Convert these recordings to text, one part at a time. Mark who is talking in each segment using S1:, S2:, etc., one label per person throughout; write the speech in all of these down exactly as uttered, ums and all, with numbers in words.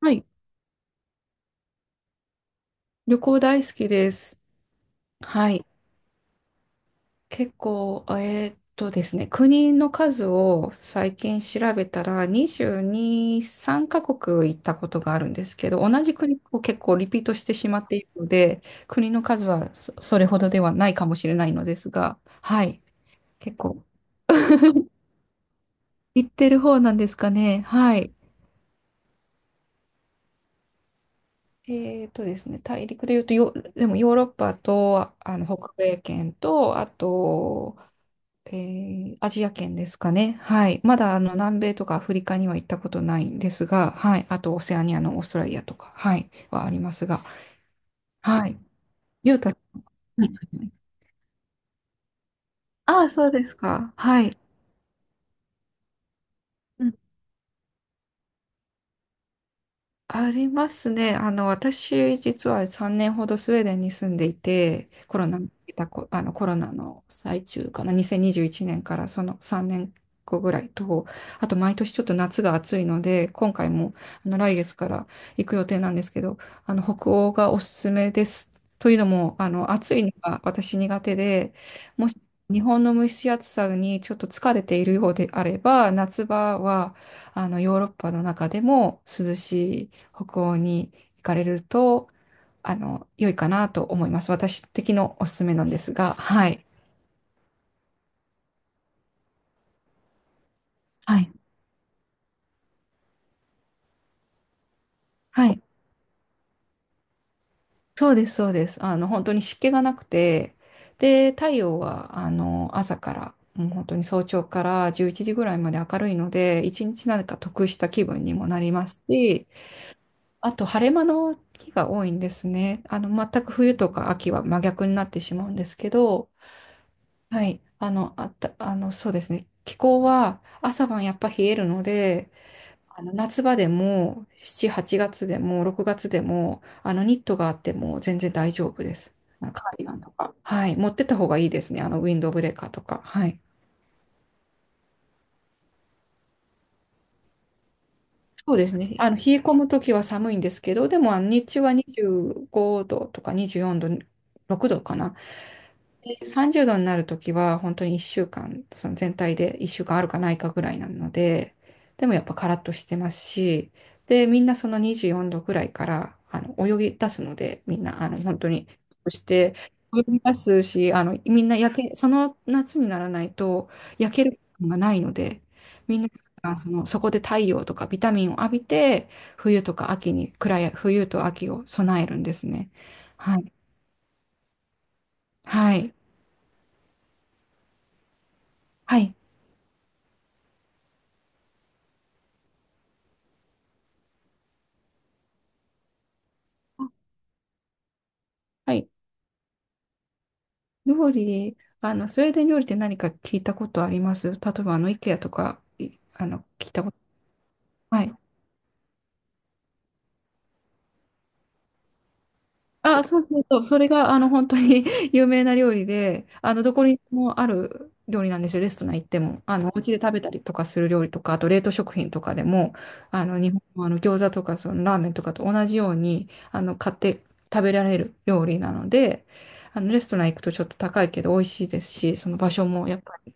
S1: はい。旅行大好きです。はい。結構、えーっとですね、国の数を最近調べたら、にじゅうに、さんカ国行ったことがあるんですけど、同じ国を結構リピートしてしまっているので、国の数はそ、それほどではないかもしれないのですが、はい。結構、行ってる方なんですかね。はい。えーっとですね、大陸で言うとよ、でもヨーロッパと、ああの北米圏と、あと、えーアジア圏ですかね。はい。まだあの南米とかアフリカには行ったことないんですが、はい。あとオセアニアのオーストラリアとか、はい、はありますが、はい。ゆうた、ああー、そうですか。はい。ありますね。あの、私、実はさんねんほどスウェーデンに住んでいて、コロナの、あのコロナの最中かな、にせんにじゅういちねんからそのさんねんごぐらいと、あと毎年ちょっと夏が暑いので、今回もあの来月から行く予定なんですけど、あの北欧がおすすめです。というのも、あの暑いのが私苦手で、もし日本の蒸し暑さにちょっと疲れているようであれば、夏場はあのヨーロッパの中でも涼しい。北欧に行かれると、あの、良いかなと思います。私的のおすすめなんですが、はい。はい。はい。そうです、そうです。あの、本当に湿気がなくて、で、太陽は、あの、朝から、もう本当に早朝からじゅういちじぐらいまで明るいので、一日なんか得した気分にもなりますし、あと、晴れ間の日が多いんですね。あの、全く冬とか秋は真逆になってしまうんですけど、はい。あの、あった、あの、そうですね。気候は朝晩やっぱ冷えるので、あの夏場でもしち、はちがつでもろくがつでも、あのニットがあっても全然大丈夫です。あのカーディガンとか。はい。持ってった方がいいですね。あのウィンドブレーカーとか。はい。そうですね。あの、冷え込むときは寒いんですけど、でもあの日中はにじゅうごどとかにじゅうよんど、ろくどかな。で、さんじゅうどになるときは本当にいっしゅうかん、その全体でいっしゅうかんあるかないかぐらいなので、でもやっぱカラッとしてますし、で、みんなそのにじゅうよんどぐらいからあの泳ぎ出すので、みんなあの本当に、そして泳ぎ出すし、あのみんな焼け、その夏にならないと焼ける感がないので、みんな間その、そこで太陽とかビタミンを浴びて、冬とか秋に、暗い、冬と秋を備えるんですね。はい。はい。はい。はい。料理、あの、スウェーデン料理って何か聞いたことあります例えば、あの、イケアとか、いあの、聞いたこと。はいあ、そうそうそう。それが、あの、本当に 有名な料理で、あの、どこにもある料理なんですよ。レストラン行っても。あの、お家で食べたりとかする料理とか、あと冷凍食品とかでも、あの、日本のあの餃子とか、そのラーメンとかと同じように、あの、買って食べられる料理なので、あの、レストラン行くとちょっと高いけど美味しいですし、その場所もやっぱり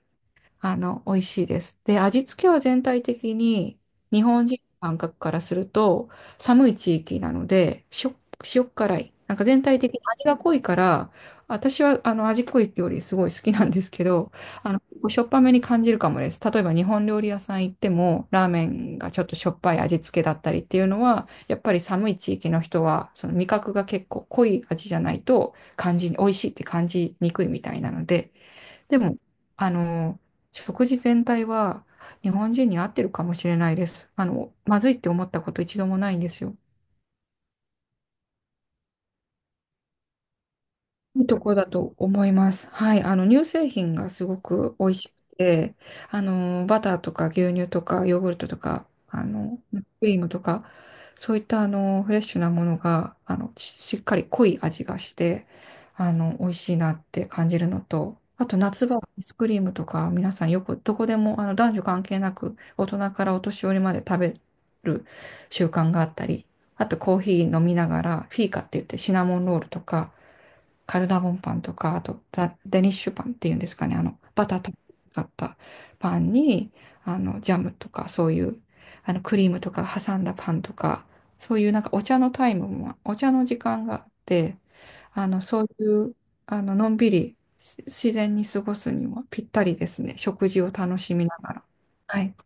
S1: あの、美味しいです。で、味付けは全体的に日本人の感覚からすると寒い地域なので、しょ、塩辛い。なんか全体的に味が濃いから、私はあの味濃い料理すごい好きなんですけど、あの、結構しょっぱめに感じるかもです。例えば日本料理屋さん行っても、ラーメンがちょっとしょっぱい味付けだったりっていうのは、やっぱり寒い地域の人は、その味覚が結構濃い味じゃないと感じ、美味しいって感じにくいみたいなので、でも、あの、食事全体は日本人に合ってるかもしれないです。あの、まずいって思ったこと一度もないんですよ。いいとこだと思います。はい。あの、乳製品がすごく美味しくて、あの、バターとか牛乳とかヨーグルトとか、あの、クリームとか、そういったあの、フレッシュなものが、あの、ししっかり濃い味がして、あの、美味しいなって感じるのと、あと夏場、アイスクリームとか、皆さんよくどこでも、あの、男女関係なく、大人からお年寄りまで食べる習慣があったり、あとコーヒー飲みながら、フィーカって言ってシナモンロールとか、カルダモンパンとか、あとザ・デニッシュパンっていうんですかね、あの、バターとかったパンに、あの、ジャムとか、そういう、あの、クリームとか挟んだパンとか、そういうなんかお茶のタイムも、お茶の時間があって、あの、そういう、あの、のんびりし自然に過ごすにはぴったりですね。食事を楽しみながら。はい。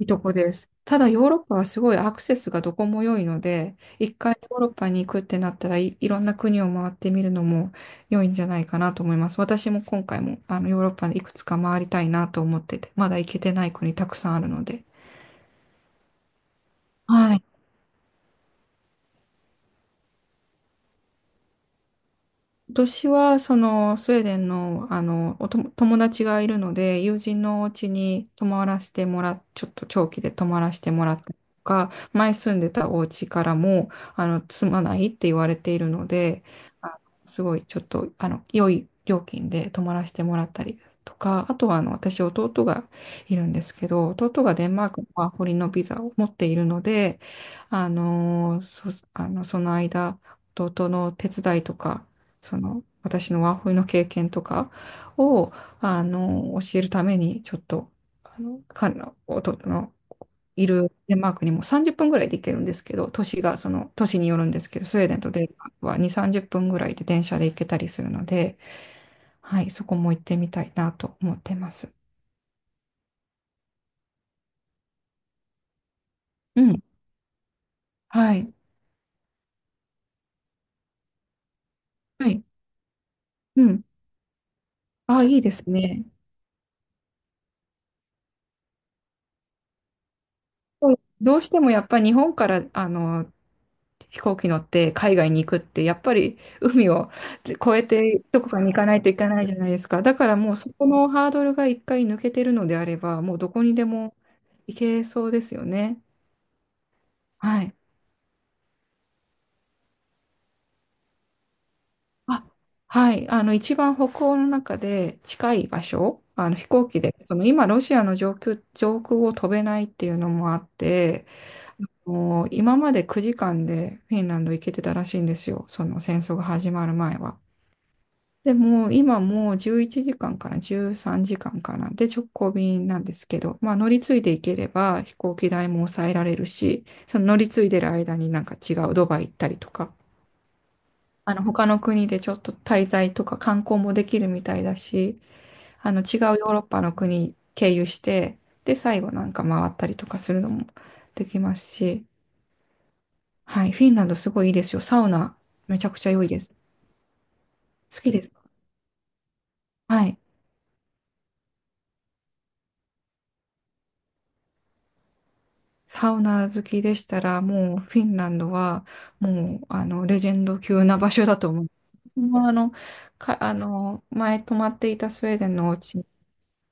S1: いいとこです。ただヨーロッパはすごいアクセスがどこも良いので、一回ヨーロッパに行くってなったらい、いろんな国を回ってみるのも良いんじゃないかなと思います。私も今回もあのヨーロッパでいくつか回りたいなと思ってて、まだ行けてない国たくさんあるので。はい。私は、その、スウェーデンの、あの、おとも友達がいるので、友人のお家に泊まらせてもらっ、ちょっと長期で泊まらせてもらったりとか、前住んでたお家からも、あの、住まないって言われているので、あすごい、ちょっと、あの、良い料金で泊まらせてもらったりとか、あとは、あの、私、弟がいるんですけど、弟がデンマークのワーホリのビザを持っているので、あの、そ、あの、その間、弟の手伝いとか、その、私のワーホリの経験とかを、あの、教えるために、ちょっと、あの、彼の、弟のいるデンマークにもさんじゅっぷんぐらいで行けるんですけど、都市が、その、都市によるんですけど、スウェーデンとデンマークはに、さんじゅっぷんぐらいで電車で行けたりするので、はい、そこも行ってみたいなと思ってます。うん、はい、はい、うん。ああ、いいですね。どうしてもやっぱり日本から、あの、飛行機乗って海外に行くって、やっぱり海を越えてどこかに行かないといけないじゃないですか。だからもうそこのハードルが一回抜けてるのであれば、もうどこにでも行けそうですよね。はい。あ、はい。あの、一番北欧の中で近い場所、あの飛行機で、その今ロシアの上空、上空を飛べないっていうのもあって、もう今までくじかんでフィンランド行けてたらしいんですよ。その戦争が始まる前は。でも、今もうじゅういちじかんかんからじゅうさんじかんかんかな。で、直行便なんですけど、まあ乗り継いでいければ飛行機代も抑えられるし、その乗り継いでる間になんか違うドバイ行ったりとか、あの他の国でちょっと滞在とか観光もできるみたいだし、あの違うヨーロッパの国経由して、で、最後なんか回ったりとかするのもできますし、はい、フィンランドすごいいいですよ。サウナめちゃくちゃ良いです。好きですか？はい。サウナ好きでしたら、もうフィンランドは、もう、あの、レジェンド級な場所だと思う。まあ、あの、か、あの、前泊まっていたスウェーデンのお家、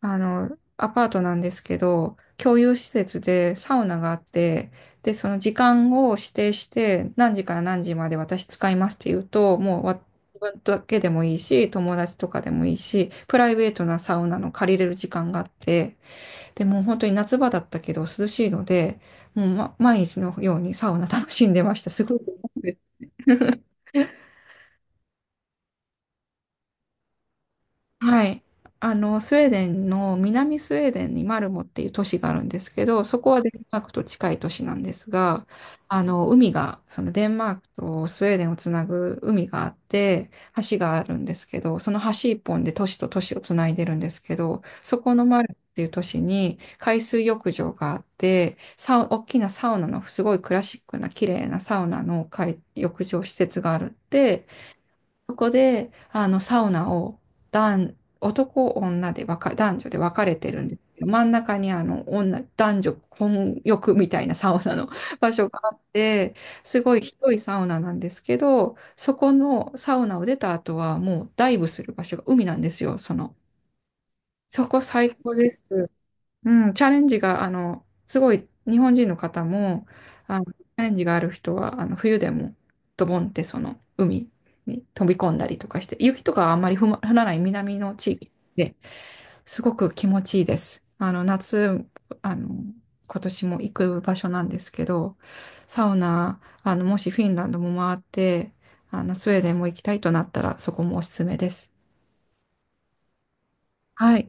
S1: あの、アパートなんですけど、共有施設でサウナがあって、で、その時間を指定して、何時から何時まで私使いますって言うと、もうわ自分だけでもいいし、友達とかでもいいし、プライベートなサウナの借りれる時間があって、でも本当に夏場だったけど涼しいので、もう、ま、毎日のようにサウナ楽しんでました。すごい。はい。あの、スウェーデンの南スウェーデンにマルモっていう都市があるんですけど、そこはデンマークと近い都市なんですが、あの、海が、そのデンマークとスウェーデンをつなぐ海があって、橋があるんですけど、その橋一本で都市と都市をつないでるんですけど、そこのマルモっていう都市に海水浴場があって、サウ、大きなサウナのすごいクラシックな綺麗なサウナの海浴場施設があるって、そこで、あの、サウナを男、男、女で分か、男女で分かれてるんですけど、真ん中にあの、女、男女混浴みたいなサウナの 場所があって、すごい広いサウナなんですけど、そこのサウナを出た後はもうダイブする場所が海なんですよ、その。そこ最高です。うん、チャレンジが、あの、すごい日本人の方も、あの、チャレンジがある人は、あの、冬でもドボンってその海に飛び込んだりとかして、雪とかはあんまり降ま降らない南の地域ですごく気持ちいいです。あの、夏、あの、今年も行く場所なんですけど、サウナ、あの、もしフィンランドも回って、あの、スウェーデンも行きたいとなったら、そこもおすすめです。はい。